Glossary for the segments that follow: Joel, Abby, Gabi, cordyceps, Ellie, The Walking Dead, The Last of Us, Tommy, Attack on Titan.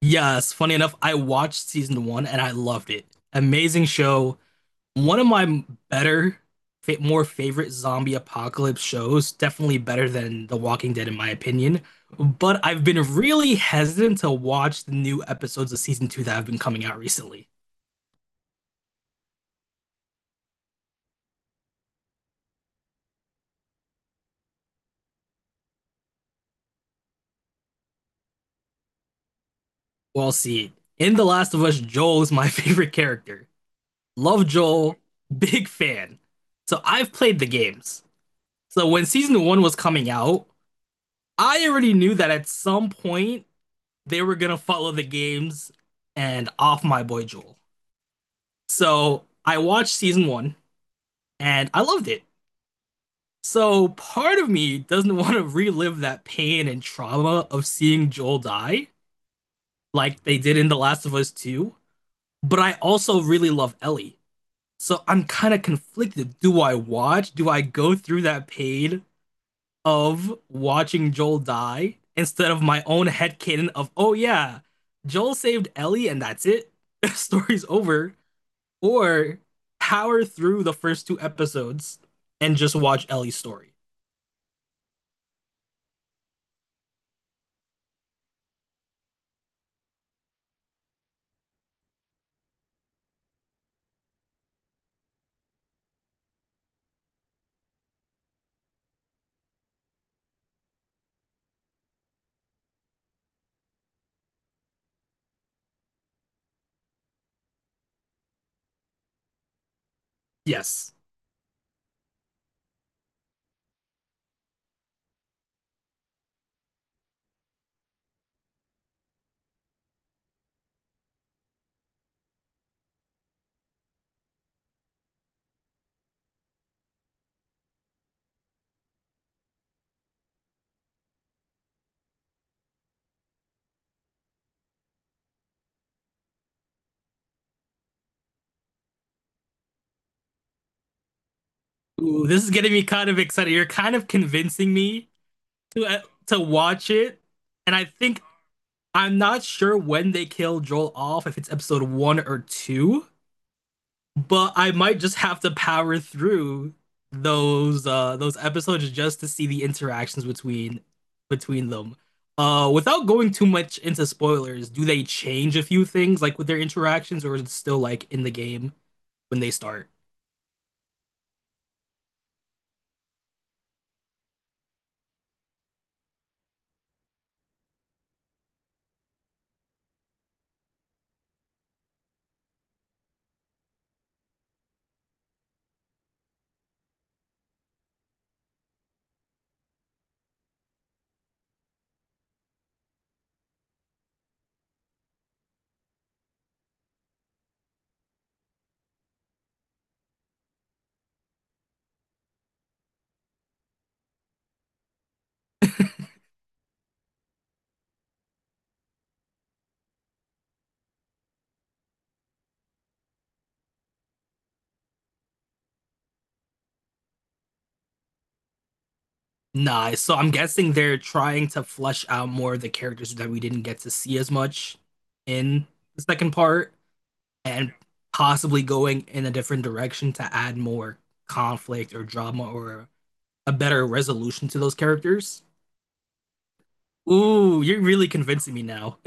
Yes, funny enough, I watched season one and I loved it. Amazing show. One of my better, fa more favorite zombie apocalypse shows. Definitely better than The Walking Dead, in my opinion. But I've been really hesitant to watch the new episodes of season two that have been coming out recently. We'll see. In The Last of Us, Joel is my favorite character. Love Joel, big fan. So I've played the games. So when season one was coming out, I already knew that at some point, they were gonna follow the games and off my boy Joel. So I watched season one and I loved it. So part of me doesn't want to relive that pain and trauma of seeing Joel die like they did in The Last of Us 2, but I also really love Ellie. So I'm kind of conflicted. Do I watch? Do I go through that pain of watching Joel die instead of my own headcanon of, "Oh yeah, Joel saved Ellie and that's it? Story's over," or power through the first two episodes and just watch Ellie's story? Yes. Ooh, this is getting me kind of excited. You're kind of convincing me to uh, to watch it, and I think I'm not sure when they kill Joel off, if it's episode one or two. But I might just have to power through those episodes just to see the interactions between them. Without going too much into spoilers, do they change a few things like with their interactions, or is it still like in the game when they start? Nah, so I'm guessing they're trying to flesh out more of the characters that we didn't get to see as much in the second part, and possibly going in a different direction to add more conflict or drama or a better resolution to those characters. Ooh, you're really convincing me now.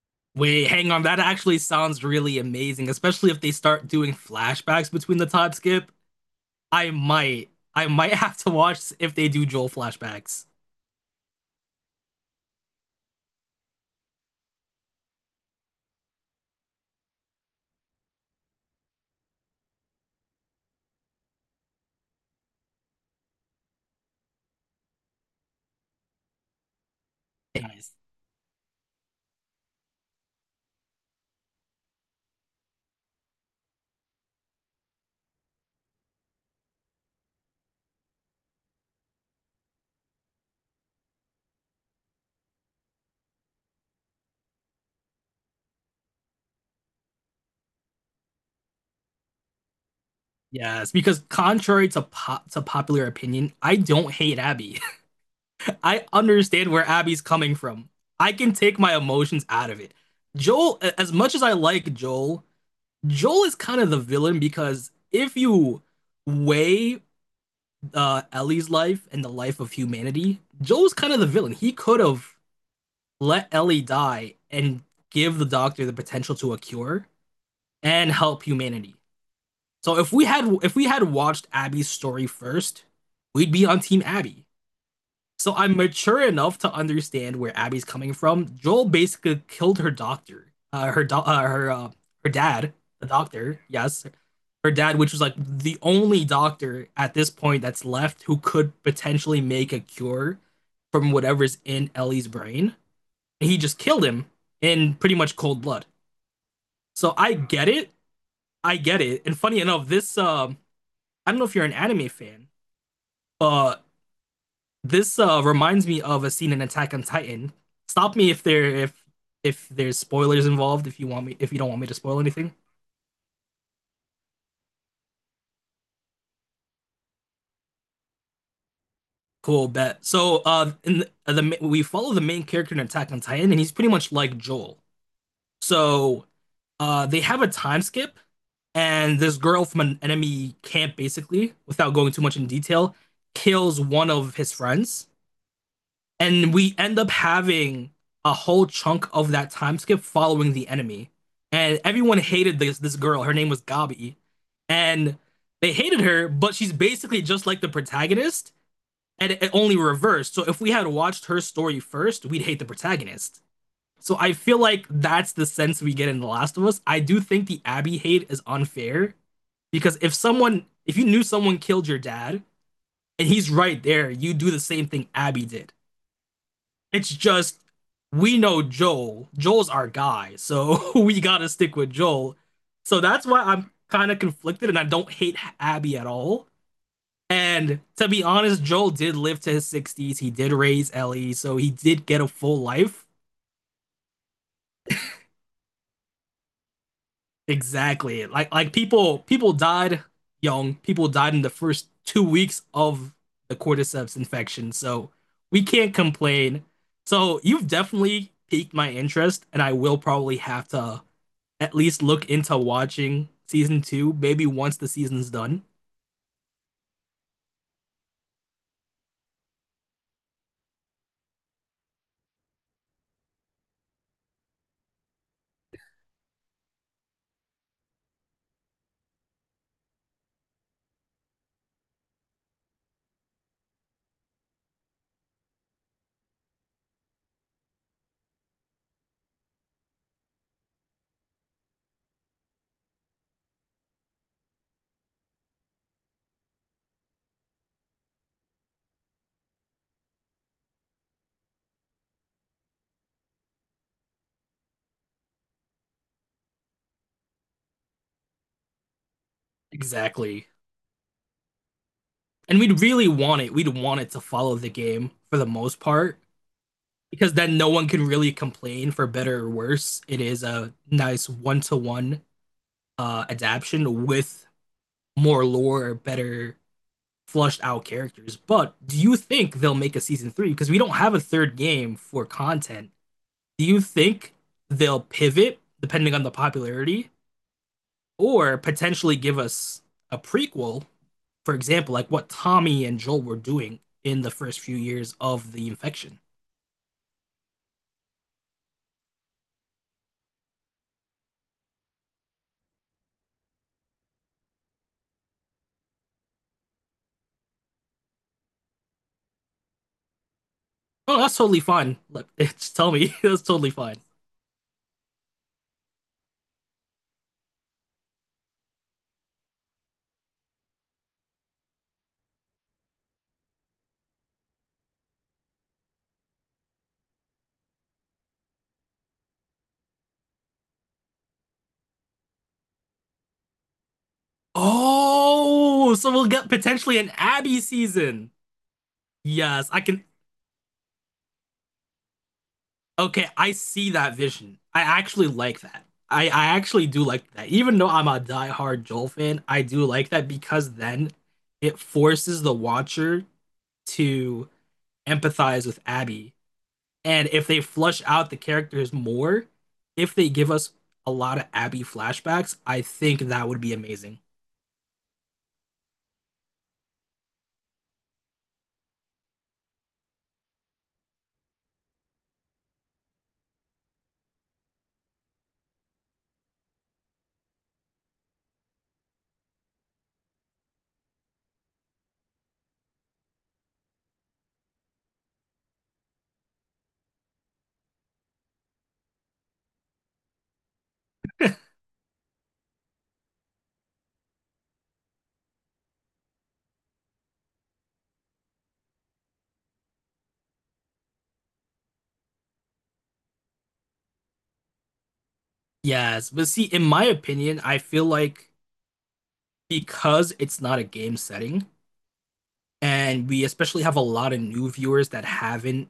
Wait, hang on. That actually sounds really amazing, especially if they start doing flashbacks between the Todd skip. I might, I might have to watch if they do Joel flashbacks. Yes, yes, because contrary to popular opinion, I don't hate Abby. I understand where Abby's coming from. I can take my emotions out of it. Joel, as much as I like Joel, Joel is kind of the villain because if you weigh Ellie's life and the life of humanity, Joel's kind of the villain. He could have let Ellie die and give the doctor the potential to a cure and help humanity. So if we had watched Abby's story first, we'd be on team Abby. So I'm mature enough to understand where Abby's coming from. Joel basically killed her doctor, her do- her her dad, the doctor, yes, her dad, which was like the only doctor at this point that's left who could potentially make a cure from whatever's in Ellie's brain. And he just killed him in pretty much cold blood. So I get it. I get it. And funny enough, this I don't know if you're an anime fan, but this reminds me of a scene in Attack on Titan. Stop me if there's spoilers involved, if you don't want me to spoil anything. Cool bet. So, in the ma- we follow the main character in Attack on Titan, and he's pretty much like Joel. So, they have a time skip, and this girl from an enemy camp, basically, without going too much in detail, kills one of his friends, and we end up having a whole chunk of that time skip following the enemy. And everyone hated this girl. Her name was Gabi, and they hated her, but she's basically just like the protagonist and it only reversed. So if we had watched her story first, we'd hate the protagonist. So I feel like that's the sense we get in The Last of Us. I do think the Abby hate is unfair because if someone, if you knew someone killed your dad and he's right there, you do the same thing Abby did. It's just we know Joel. Joel's our guy, so we gotta stick with Joel. So that's why I'm kind of conflicted, and I don't hate Abby at all. And to be honest, Joel did live to his 60s. He did raise Ellie, so he did get a full life. Exactly. Like people died young. People died in the first 2 weeks of the cordyceps infection. So we can't complain. So you've definitely piqued my interest and I will probably have to at least look into watching season 2 maybe once the season's done. Exactly. And we'd really want it. We'd want it to follow the game for the most part because then no one can really complain for better or worse. It is a nice one to one adaptation with more lore, better flushed out characters. But do you think they'll make a season three? Because we don't have a third game for content. Do you think they'll pivot depending on the popularity or potentially give us a prequel? For example, like what Tommy and Joel were doing in the first few years of the infection. Oh, that's totally fine. Like, just tell me, that's totally fine. Oh, so we'll get potentially an Abby season. Yes, I can. Okay, I see that vision. I actually like that. I actually do like that. Even though I'm a diehard Joel fan, I do like that because then it forces the watcher to empathize with Abby. And if they flush out the characters more, if they give us a lot of Abby flashbacks, I think that would be amazing. Yes, but see, in my opinion, I feel like because it's not a game setting, and we especially have a lot of new viewers that haven't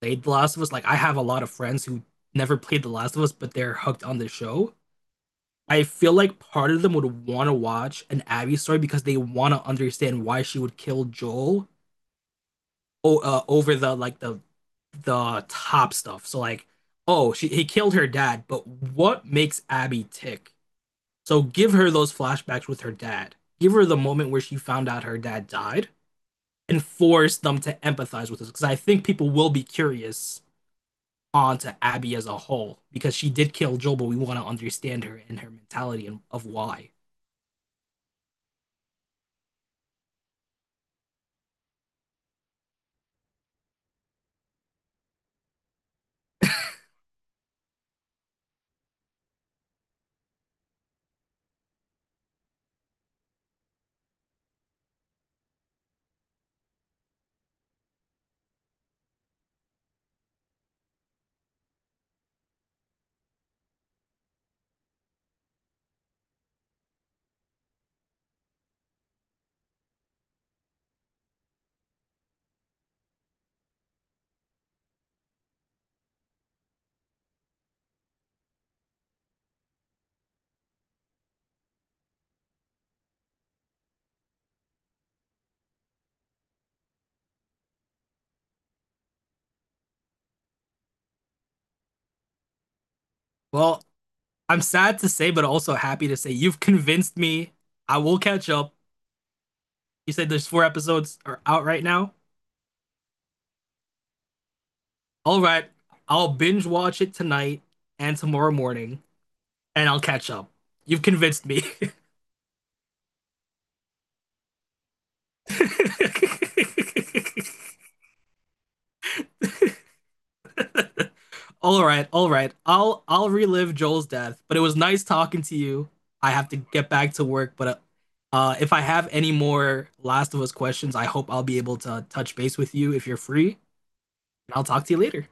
played The Last of Us. Like I have a lot of friends who never played The Last of Us, but they're hooked on the show. I feel like part of them would want to watch an Abby story because they want to understand why she would kill Joel over, the top stuff. So like, oh, she he killed her dad, but what makes Abby tick? So give her those flashbacks with her dad. Give her the moment where she found out her dad died and force them to empathize with us because I think people will be curious onto Abby as a whole because she did kill Joel, but we want to understand her and her mentality and of why. Well, I'm sad to say, but also happy to say you've convinced me. I will catch up. You said there's four episodes are out right now. All right, I'll binge watch it tonight and tomorrow morning, and I'll catch up. You've convinced me. All right, all right. I'll relive Joel's death, but it was nice talking to you. I have to get back to work, but if I have any more Last of Us questions, I hope I'll be able to touch base with you if you're free, and I'll talk to you later.